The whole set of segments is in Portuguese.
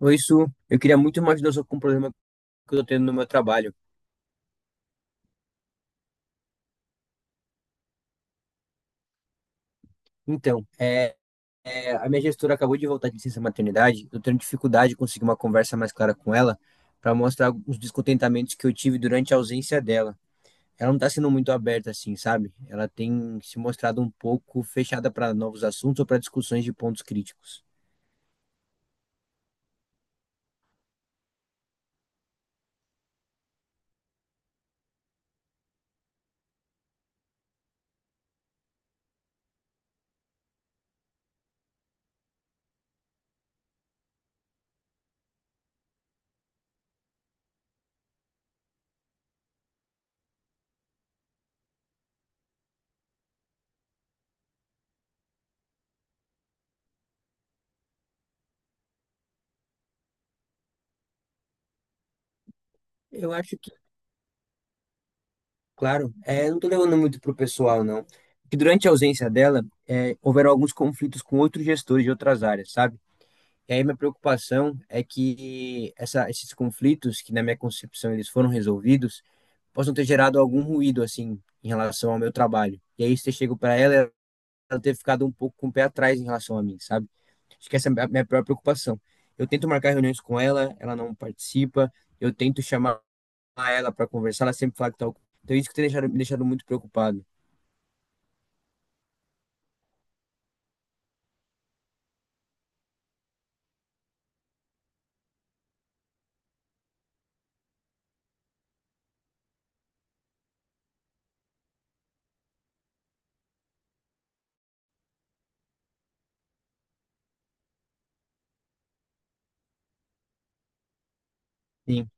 Oi, Su. Eu queria muito uma ajuda sua com um problema que eu tô tendo no meu trabalho. Então, a minha gestora acabou de voltar de licença maternidade. Eu tendo dificuldade de conseguir uma conversa mais clara com ela para mostrar os descontentamentos que eu tive durante a ausência dela. Ela não tá sendo muito aberta assim, sabe? Ela tem se mostrado um pouco fechada para novos assuntos ou para discussões de pontos críticos. Eu acho que, claro, eu não tô levando muito pro pessoal, não. Que durante a ausência dela, houveram alguns conflitos com outros gestores de outras áreas, sabe? E aí minha preocupação é que esses conflitos, que na minha concepção eles foram resolvidos, possam ter gerado algum ruído, assim, em relação ao meu trabalho. E aí você chega para ela, ela ter ficado um pouco com o pé atrás em relação a mim, sabe? Acho que essa é a minha pior preocupação. Eu tento marcar reuniões com ela, ela não participa, eu tento chamar ela para conversar, ela sempre fala que tá... Então é isso que tem deixado, me deixado muito preocupado. Sim.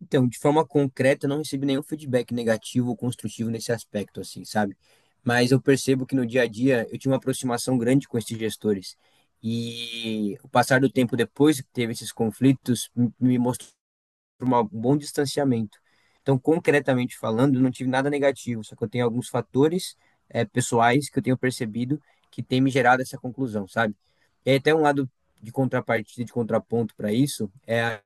Então, de forma concreta, eu não recebi nenhum feedback negativo ou construtivo nesse aspecto, assim, sabe? Mas eu percebo que no dia a dia eu tinha uma aproximação grande com esses gestores. E o passar do tempo depois que teve esses conflitos me mostrou um bom distanciamento. Então, concretamente falando, eu não tive nada negativo, só que eu tenho alguns fatores, pessoais que eu tenho percebido que tem me gerado essa conclusão, sabe? E aí, até um lado de contrapartida, de contraponto para isso, é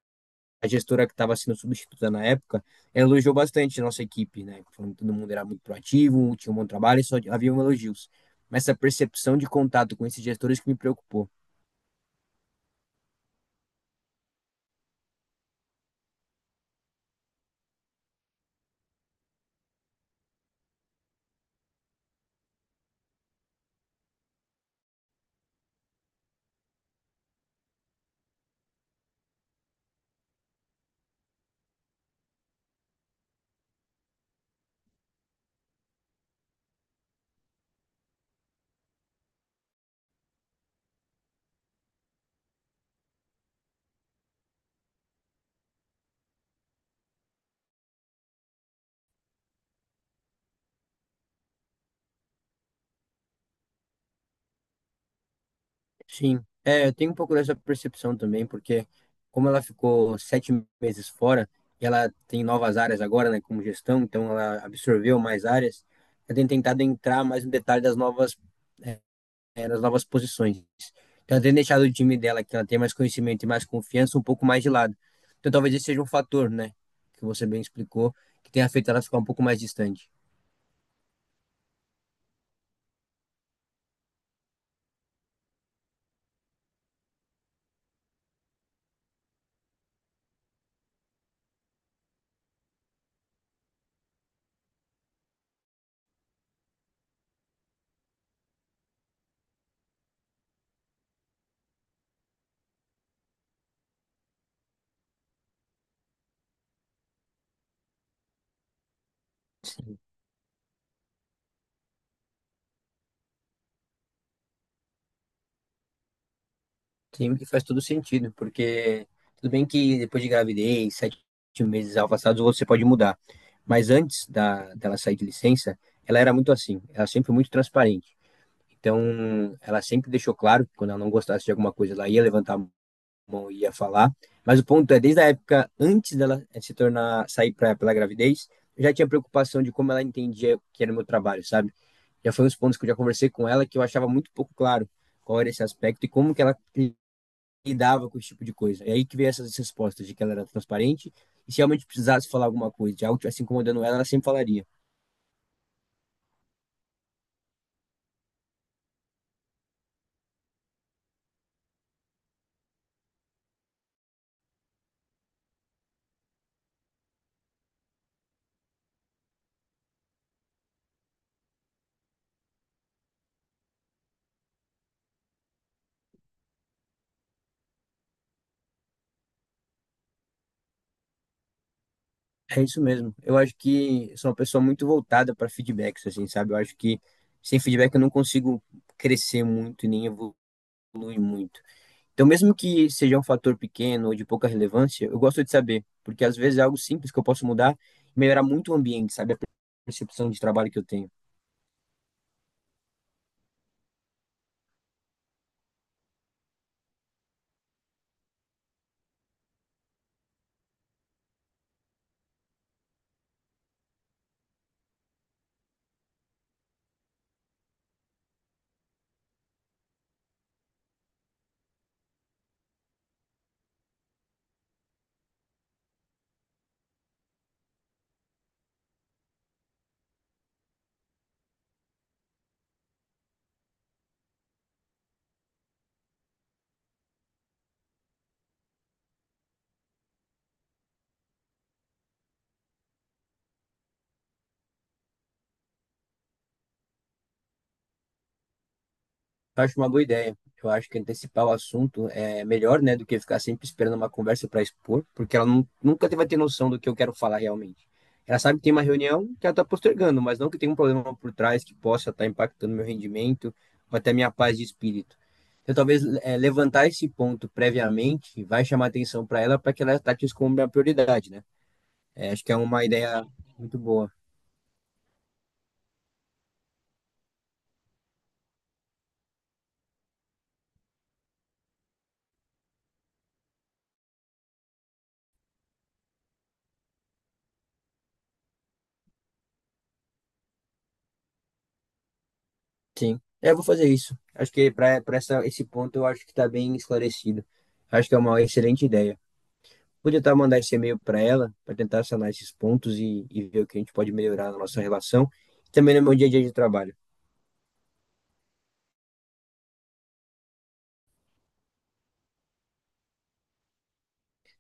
a gestora que estava sendo substituta na época, ela elogiou bastante a nossa equipe, né? Falando que todo mundo era muito proativo, tinha um bom trabalho, e só havia um elogios. Mas essa percepção de contato com esses gestores que me preocupou. Sim, é, eu tenho um pouco dessa percepção também, porque como ela ficou 7 meses fora, e ela tem novas áreas agora, né, como gestão, então ela absorveu mais áreas, eu tenho tentado entrar mais no detalhe nas novas posições. Então, ela tem deixado o time dela, que ela tem mais conhecimento e mais confiança, um pouco mais de lado. Então, talvez esse seja um fator, né? Que você bem explicou, que tenha feito ela ficar um pouco mais distante. Sim, que faz todo sentido, porque tudo bem que depois de gravidez, 7 meses afastados, você pode mudar. Mas antes dela sair de licença, ela era muito assim, ela sempre foi muito transparente. Então, ela sempre deixou claro que quando ela não gostasse de alguma coisa, ela ia levantar, a bom, ia falar. Mas o ponto é, desde a época antes dela eh, se tornar sair pra, pela gravidez, eu já tinha preocupação de como ela entendia que era o meu trabalho, sabe? Já foi uns pontos que eu já conversei com ela que eu achava muito pouco claro qual era esse aspecto e como que ela lidava com esse tipo de coisa. E aí que veio essas respostas de que ela era transparente e se realmente precisasse falar alguma coisa, de algo tivesse incomodando ela, ela sempre falaria. É isso mesmo. Eu acho que sou uma pessoa muito voltada para feedbacks, assim, sabe? Eu acho que sem feedback eu não consigo crescer muito e nem evoluir muito. Então, mesmo que seja um fator pequeno ou de pouca relevância, eu gosto de saber, porque às vezes é algo simples que eu posso mudar e melhorar muito o ambiente, sabe? A percepção de trabalho que eu tenho. Acho uma boa ideia. Eu acho que antecipar o assunto é melhor, né, do que ficar sempre esperando uma conversa para expor, porque ela nunca vai ter noção do que eu quero falar realmente. Ela sabe que tem uma reunião que ela está postergando, mas não que tem um problema por trás que possa estar impactando meu rendimento ou até minha paz de espírito. Então, talvez é, levantar esse ponto previamente vai chamar atenção para ela para que ela trate isso como minha prioridade, né? É, acho que é uma ideia muito boa. Sim. É, eu vou fazer isso. Acho que para essa esse ponto eu acho que está bem esclarecido. Acho que é uma excelente ideia. Vou tentar mandar esse e-mail para ela, para tentar sanar esses pontos e ver o que a gente pode melhorar na nossa relação e também no meu dia a dia de trabalho.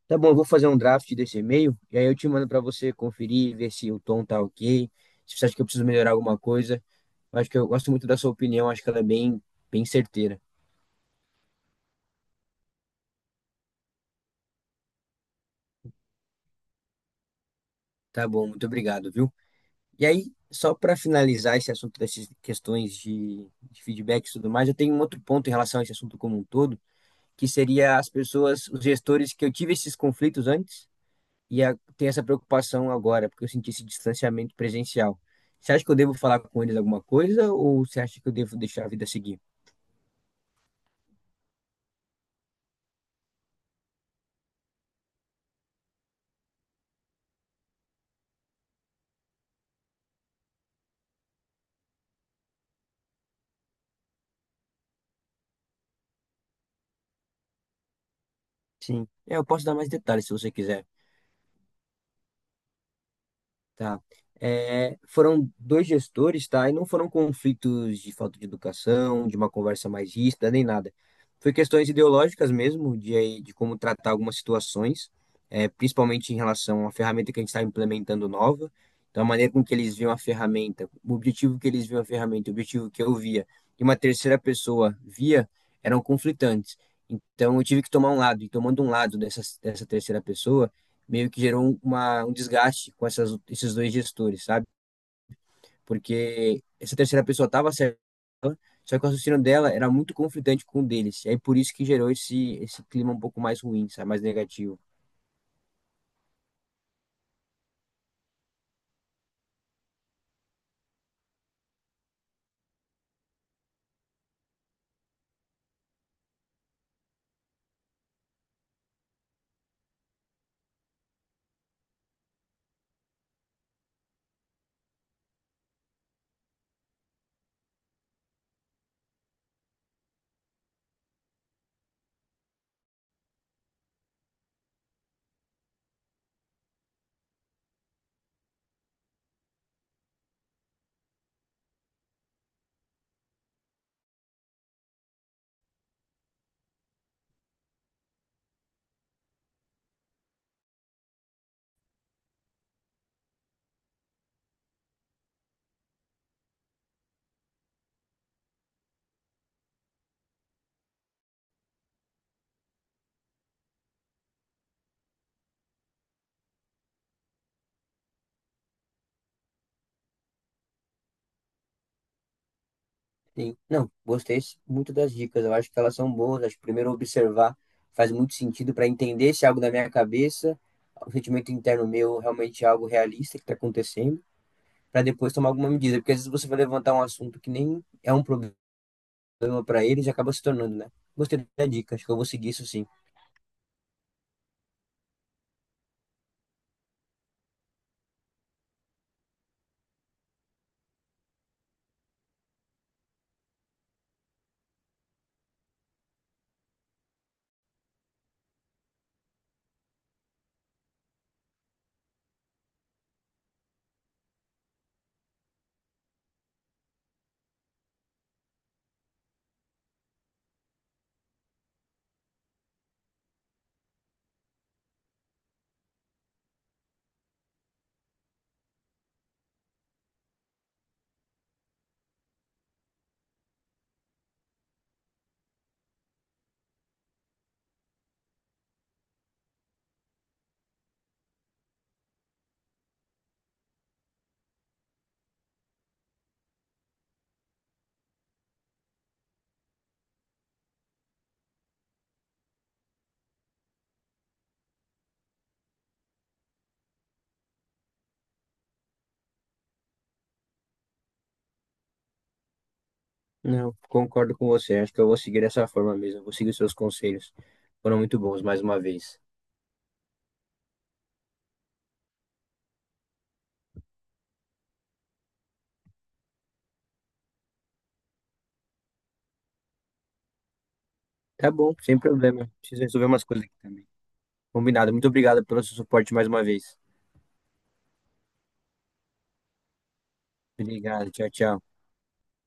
Tá bom, eu vou fazer um draft desse e-mail e aí eu te mando para você conferir, ver se o tom tá ok, se você acha que eu preciso melhorar alguma coisa. Acho que eu gosto muito da sua opinião, acho que ela é bem, bem certeira. Tá bom, muito obrigado, viu? E aí, só para finalizar esse assunto dessas questões de feedback e tudo mais, eu tenho um outro ponto em relação a esse assunto como um todo, que seria as pessoas, os gestores que eu tive esses conflitos antes e tenho essa preocupação agora, porque eu senti esse distanciamento presencial. Você acha que eu devo falar com eles alguma coisa ou você acha que eu devo deixar a vida seguir? Sim, é, eu posso dar mais detalhes se você quiser. Tá. É, foram dois gestores, tá? E não foram conflitos de falta de educação, de uma conversa mais ríspida, nem nada. Foi questões ideológicas mesmo, de como tratar algumas situações, é, principalmente em relação à ferramenta que a gente está implementando nova. Então, a maneira com que eles viam a ferramenta, o objetivo que eles viam a ferramenta, o objetivo que eu via, e uma terceira pessoa via, eram conflitantes. Então, eu tive que tomar um lado, e tomando um lado dessa terceira pessoa, meio que gerou uma, um desgaste com esses dois gestores, sabe? Porque essa terceira pessoa estava certa, só que o raciocínio dela era muito conflitante com o deles. E aí por isso que gerou esse clima um pouco mais ruim, sabe? Mais negativo. Sim. Não, gostei muito das dicas. Eu acho que elas são boas. Acho que primeiro observar faz muito sentido para entender se é algo da minha cabeça, o sentimento interno meu realmente é algo realista que está acontecendo, para depois tomar alguma medida. Porque às vezes você vai levantar um assunto que nem é um problema problema para eles acaba se tornando, né? Gostei da dica, acho que eu vou seguir isso sim. Não, concordo com você. Acho que eu vou seguir dessa forma mesmo. Vou seguir os seus conselhos. Foram muito bons, mais uma vez. Tá bom, sem problema. Preciso resolver umas coisas aqui também. Combinado. Muito obrigado pelo seu suporte mais uma vez. Obrigado. Tchau, tchau.